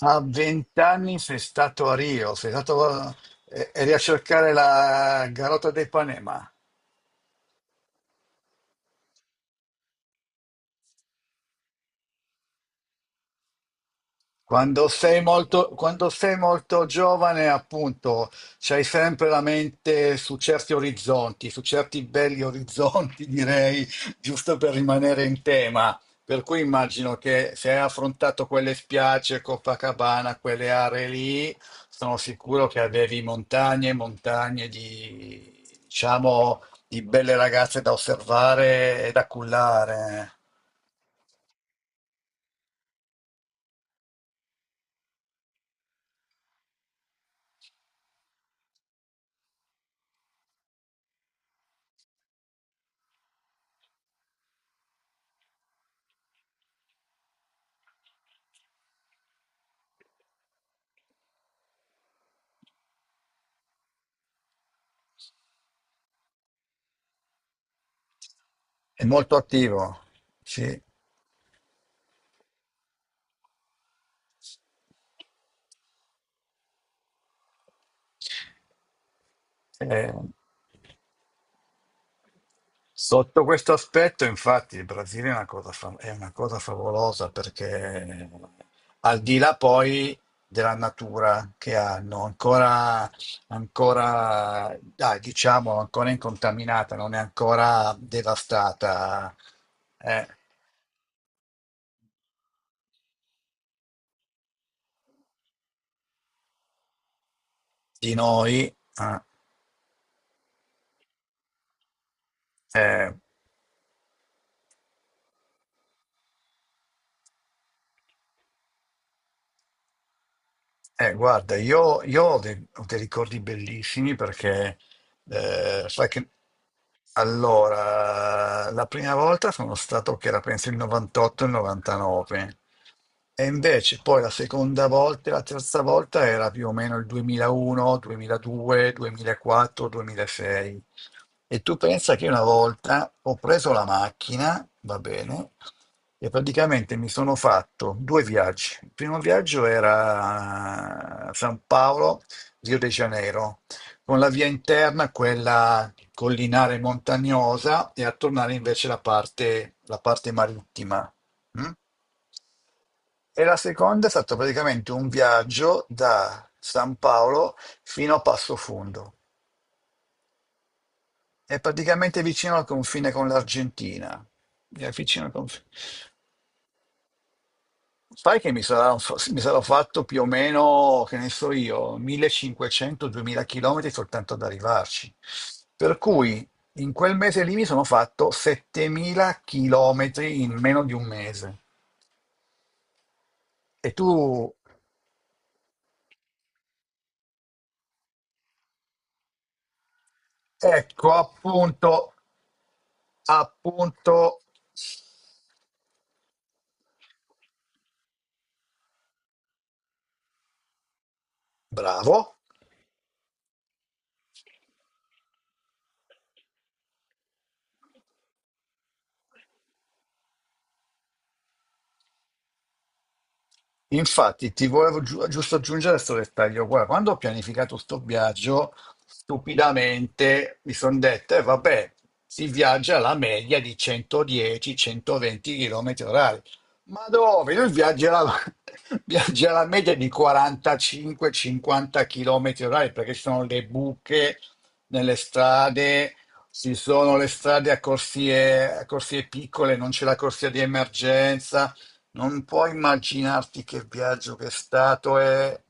A vent'anni sei stato a Rio, sei stato, eri a cercare la Garota dei Panema. Quando sei molto giovane, appunto, c'hai sempre la mente su certi orizzonti, su certi belli orizzonti, direi, giusto per rimanere in tema. Per cui immagino che se hai affrontato quelle spiagge, Copacabana, quelle aree lì, sono sicuro che avevi montagne e montagne di, diciamo, di belle ragazze da osservare e da cullare. È molto attivo, sì. Eh, Sotto questo aspetto, infatti, il Brasile è una cosa, è una cosa favolosa perché al di là poi della natura che hanno, ancora, ancora dai, diciamo, ancora incontaminata, non è ancora devastata, eh, di noi. eh, eh, Guarda, io ho dei ricordi bellissimi perché sai che, allora, la prima volta sono stato che era penso il 98 e il 99 e invece poi la seconda volta e la terza volta era più o meno il 2001, 2002, 2004, 2006. E tu pensa che una volta ho preso la macchina, va bene, e praticamente mi sono fatto due viaggi. Il primo viaggio era San Paolo, Rio de Janeiro, con la via interna, quella collinare montagnosa, e a tornare invece la parte marittima. Mm? E la seconda è stato praticamente un viaggio da San Paolo fino a Passo Fondo. È praticamente vicino al confine con l'Argentina. È vicino al confine. Sai che mi sarà- Mi sarò fatto più o meno, che ne so io, 1500-2000 km soltanto ad arrivarci. Per cui in quel mese lì mi sono fatto 7000 km in meno di un mese. E tu, ecco appunto, appunto, bravo. Infatti, ti volevo giusto aggiungere questo dettaglio qua. Quando ho pianificato sto viaggio, stupidamente mi sono detto, vabbè, si viaggia alla media di 110-120 km orari. Ma dove? Viaggi alla media di 45-50 km orari perché ci sono le buche nelle strade, ci sono le strade a corsie piccole, non c'è la corsia di emergenza, non puoi immaginarti che viaggio che è stato.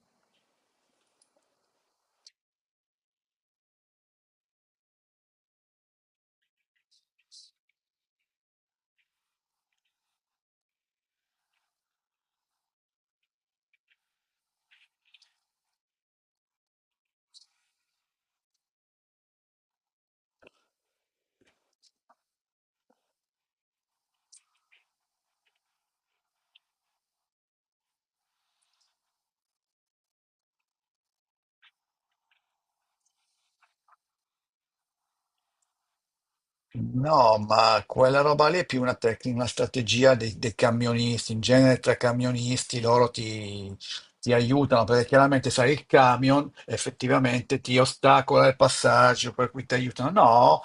No, ma quella roba lì è più una tecnica, una strategia dei, dei camionisti. In genere tra camionisti ti aiutano perché chiaramente sai il camion effettivamente ti ostacola il passaggio, per cui ti aiutano. No,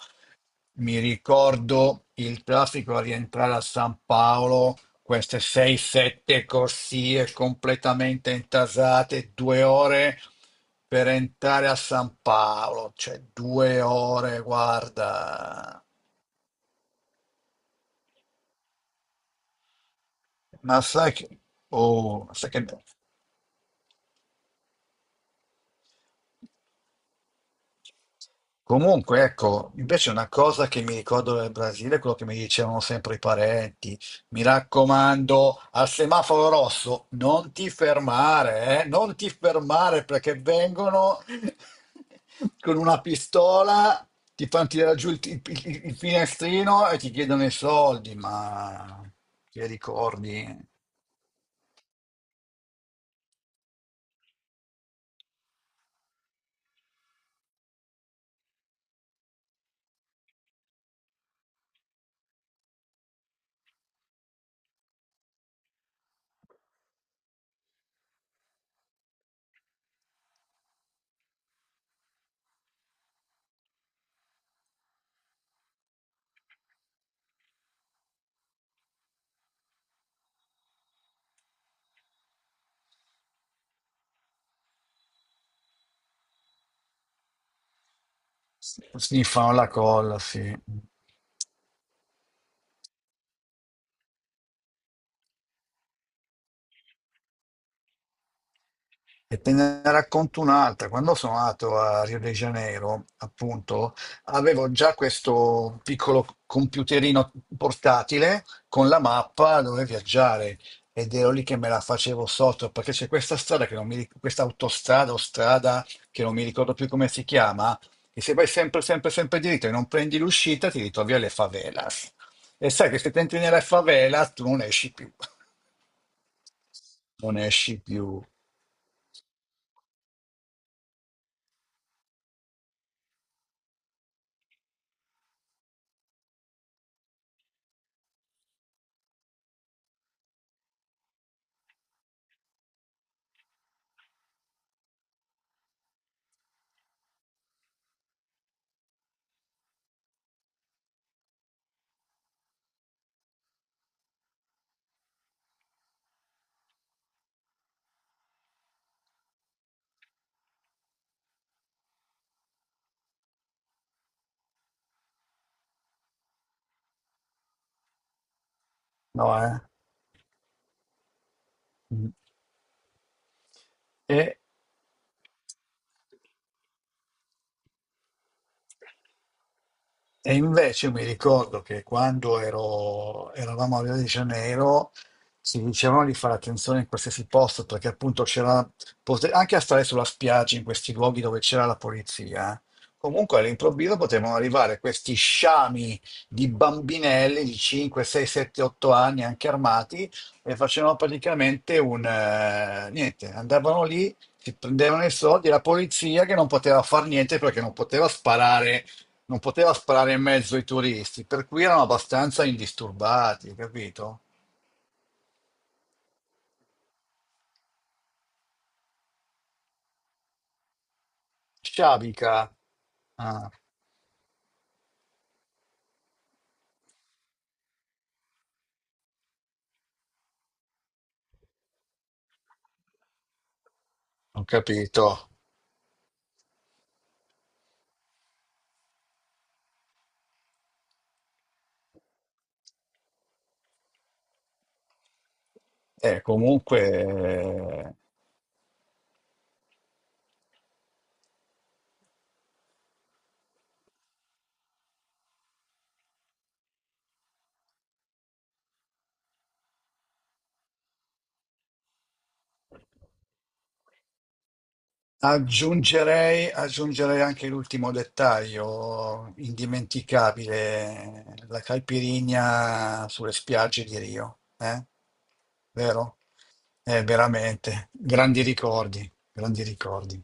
mi ricordo il traffico a rientrare a San Paolo, queste 6-7 corsie completamente intasate, 2 ore per entrare a San Paolo, cioè 2 ore, guarda. Ma sai che, oh, sai che Comunque, ecco, invece una cosa che mi ricordo del Brasile è quello che mi dicevano sempre i parenti. Mi raccomando, al semaforo rosso non ti fermare, eh? Non ti fermare perché vengono con una pistola, ti fanno tirare giù il finestrino e ti chiedono i soldi, ma ti ricordi? Sniffano la colla, sì. E te ne racconto un'altra. Quando sono andato a Rio de Janeiro, appunto, avevo già questo piccolo computerino portatile con la mappa dove viaggiare ed ero lì che me la facevo sotto perché c'è questa strada che non mi, ric- questa autostrada o strada che non mi ricordo più come si chiama, e se vai sempre, sempre, sempre diritto e non prendi l'uscita, ti ritrovi alle favelas. E sai che se ti entri nella favela, tu non esci più. Non esci più. No, eh. Mm. E E invece mi ricordo che eravamo a Rio de Janeiro, si dicevano di fare attenzione in qualsiasi posto perché appunto anche a stare sulla spiaggia in questi luoghi dove c'era la polizia, comunque all'improvviso potevano arrivare questi sciami di bambinelli di 5, 6, 7, 8 anni anche armati e facevano praticamente niente, andavano lì, si prendevano i soldi, la polizia che non poteva far niente perché non poteva sparare, non poteva sparare in mezzo ai turisti, per cui erano abbastanza indisturbati, capito? Sciabica. Ah, ho capito. Comunque Aggiungerei, aggiungerei anche l'ultimo dettaglio indimenticabile, la caipirinha sulle spiagge di Rio, eh? Vero? Veramente, grandi ricordi, grandi ricordi.